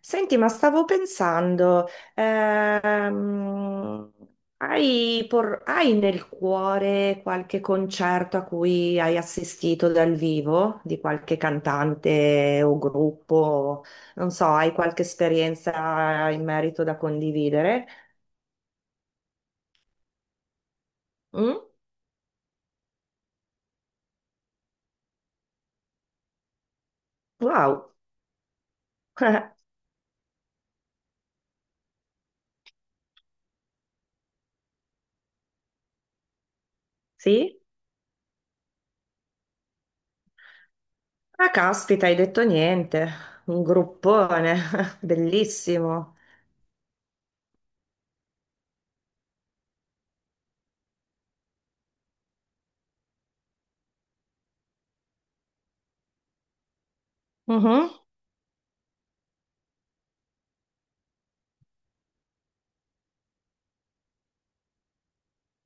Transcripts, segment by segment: Senti, ma stavo pensando, ehm, hai nel cuore qualche concerto a cui hai assistito dal vivo di qualche cantante o gruppo? Non so, hai qualche esperienza in merito da condividere? Mm? Wow, sì? Ah, caspita, hai detto niente, un gruppone, bellissimo. Mhm.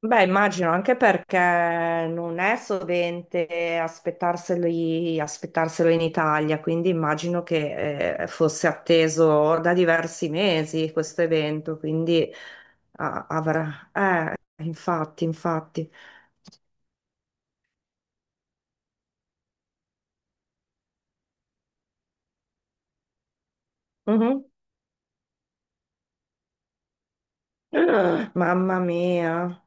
Beh, immagino anche perché non è sovente aspettarselo in Italia, quindi immagino che fosse atteso da diversi mesi questo evento, quindi ah, avrà... infatti, infatti. Mhm. Ah, mamma mia.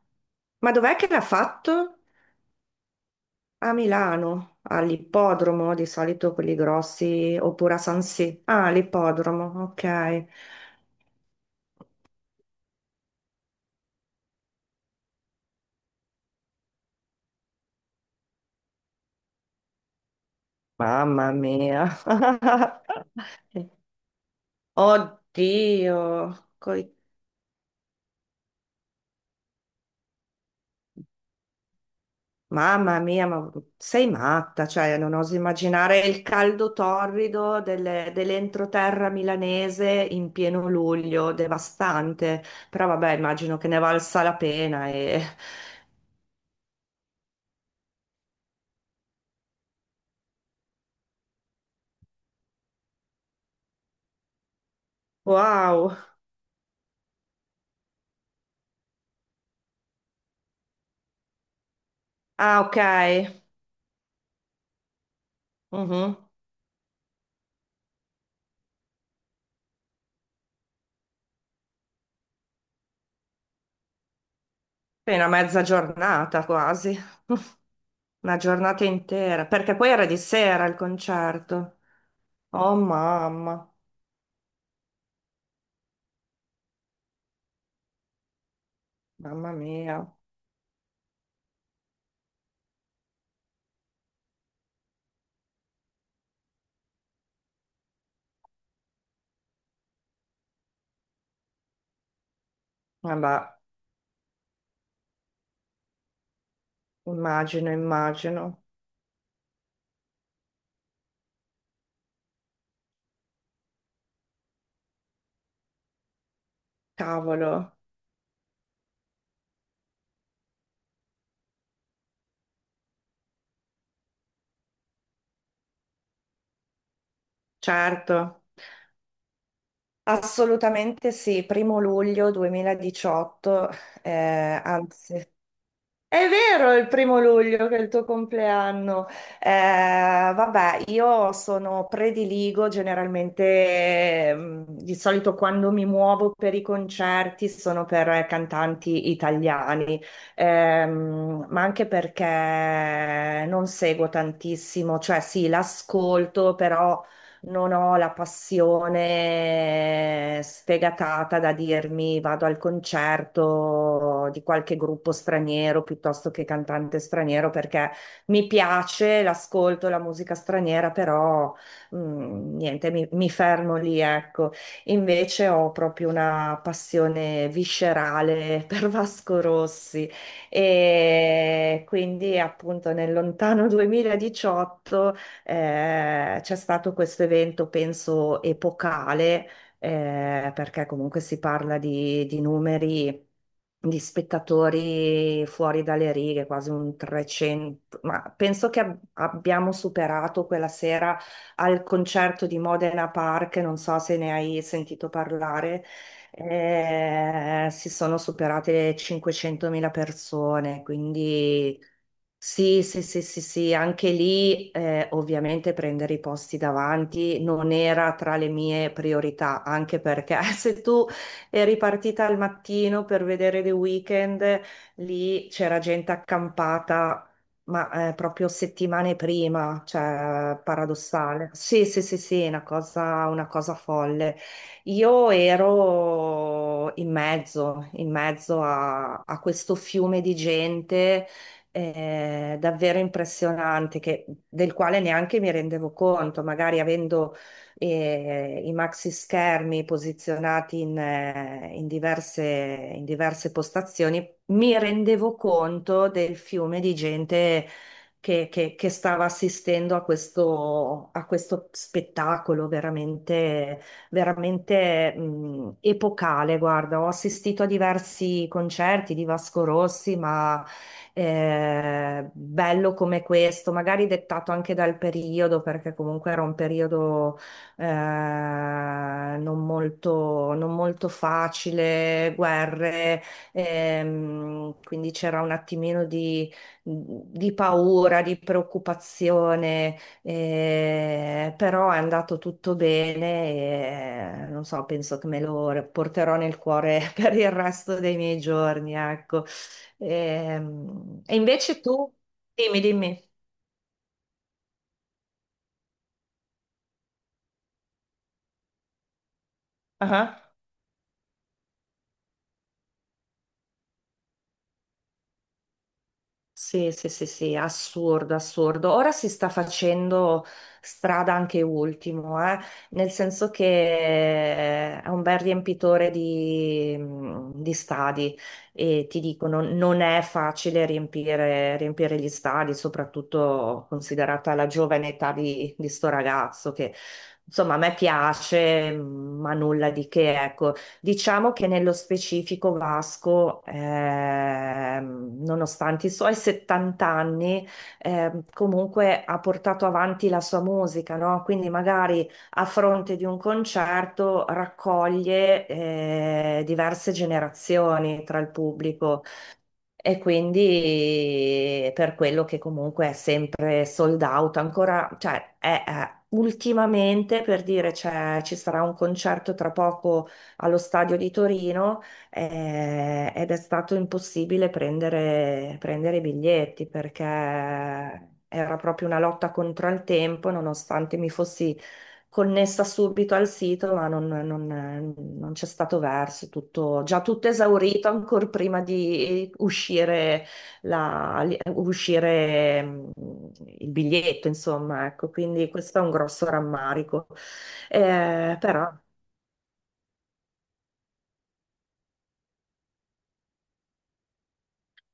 Ma dov'è che l'ha fatto? A Milano, all'ippodromo, di solito quelli grossi, oppure a San Siro. Ah, all'ippodromo, ok. Mamma mia. Oddio. Mamma mia, ma sei matta, cioè non oso immaginare il caldo torrido dell'entroterra milanese in pieno luglio, devastante. Però vabbè, immagino che ne valsa la pena e... Wow. Ah, ok. Mhm. Appena mezza giornata quasi. Una giornata intera, perché poi era di sera il concerto. Oh mamma. Mamma mia, vabbè, immagino, immagino, cavolo, certo, assolutamente sì, primo luglio 2018, anzi, è vero, è il primo luglio che è il tuo compleanno. Eh, vabbè, io sono prediligo generalmente, di solito quando mi muovo per i concerti sono per cantanti italiani. Ma anche perché non seguo tantissimo, cioè sì, l'ascolto, però non ho la passione sfegatata da dirmi vado al concerto di qualche gruppo straniero piuttosto che cantante straniero, perché mi piace, l'ascolto, la musica straniera, però niente, mi fermo lì, ecco. Invece ho proprio una passione viscerale per Vasco Rossi. E quindi appunto nel lontano 2018 c'è stato questo evento, penso, epocale, perché comunque si parla di numeri di spettatori fuori dalle righe, quasi un 300, ma penso che abbiamo superato quella sera al concerto di Modena Park, non so se ne hai sentito parlare. Si sono superate le 500.000 persone, quindi sì, sì, sì, sì, sì, anche lì ovviamente prendere i posti davanti non era tra le mie priorità, anche perché se tu eri partita al mattino per vedere The Weeknd, lì c'era gente accampata, ma proprio settimane prima, cioè paradossale. Sì, sì, sì, sì, una cosa folle. Io ero in mezzo a questo fiume di gente davvero impressionante, del quale neanche mi rendevo conto, magari avendo i maxi schermi posizionati in diverse postazioni, mi rendevo conto del fiume di gente che stava assistendo a questo spettacolo veramente, veramente epocale. Guarda, ho assistito a diversi concerti di Vasco Rossi, ma bello come questo, magari dettato anche dal periodo, perché comunque era un periodo non molto, non molto facile, guerre, quindi c'era un attimino di paura, di preoccupazione, però è andato tutto bene e non so, penso che me lo porterò nel cuore per il resto dei miei giorni, ecco. E, invece tu, dimmi, dimmi. Ah, sì, sì, sì, sì, assurdo, assurdo. Ora si sta facendo strada anche Ultimo, nel senso che è un bel riempitore di stadi, e ti dicono non è facile riempire, riempire gli stadi, soprattutto considerata la giovane età di sto ragazzo che insomma a me piace, ma nulla di che, ecco. Diciamo che nello specifico Vasco, nonostante i suoi 70 anni, comunque ha portato avanti la sua musica, no? Quindi magari a fronte di un concerto raccoglie, diverse generazioni tra il pubblico. E quindi per quello che comunque è sempre sold out, ancora, cioè ultimamente per dire ci sarà un concerto tra poco allo stadio di Torino, ed è stato impossibile prendere, prendere i biglietti perché era proprio una lotta contro il tempo, nonostante mi fossi connessa subito al sito, ma non c'è stato verso, tutto, già tutto esaurito ancora prima di uscire, la- uscire il biglietto, insomma, ecco, quindi questo è un grosso rammarico. Però...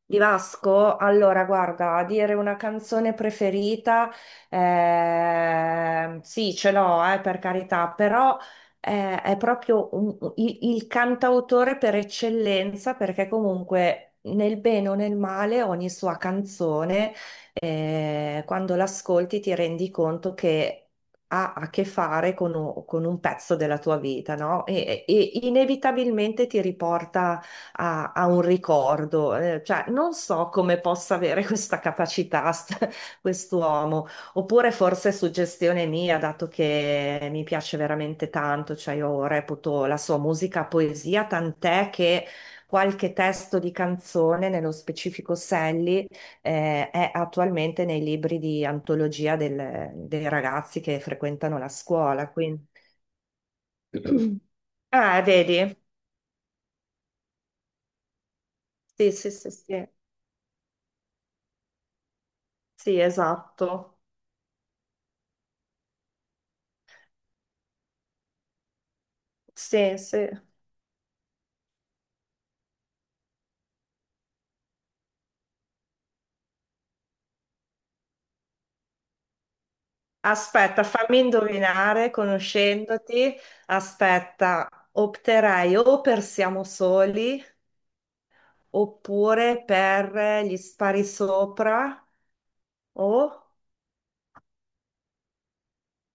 Di Vasco, allora guarda, a dire una canzone preferita, sì, ce l'ho, per carità, però è proprio il cantautore per eccellenza, perché comunque nel bene o nel male ogni sua canzone, quando l'ascolti ti rendi conto che... ha a che fare con un pezzo della tua vita, no? E e inevitabilmente ti riporta a un ricordo, cioè non so come possa avere questa capacità quest'uomo, oppure forse è suggestione mia, dato che mi piace veramente tanto, cioè io reputo la sua musica poesia, tant'è che qualche testo di canzone, nello specifico Sally, è attualmente nei libri di antologia dei ragazzi che frequentano la scuola, quindi... Ah, vedi? Sì, sì, sì, sì, sì, esatto. Sì, sì. Aspetta, fammi indovinare, conoscendoti. Aspetta, opterei o per Siamo soli, oppure per Gli spari sopra, o...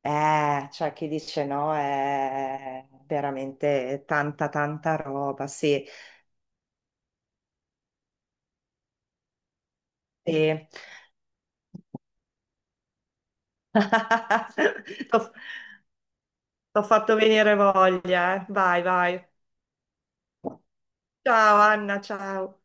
Cioè chi dice no è veramente tanta, tanta roba, sì. Sì. T'ho t'ho fatto venire voglia, eh. Vai, vai. Ciao Anna, ciao.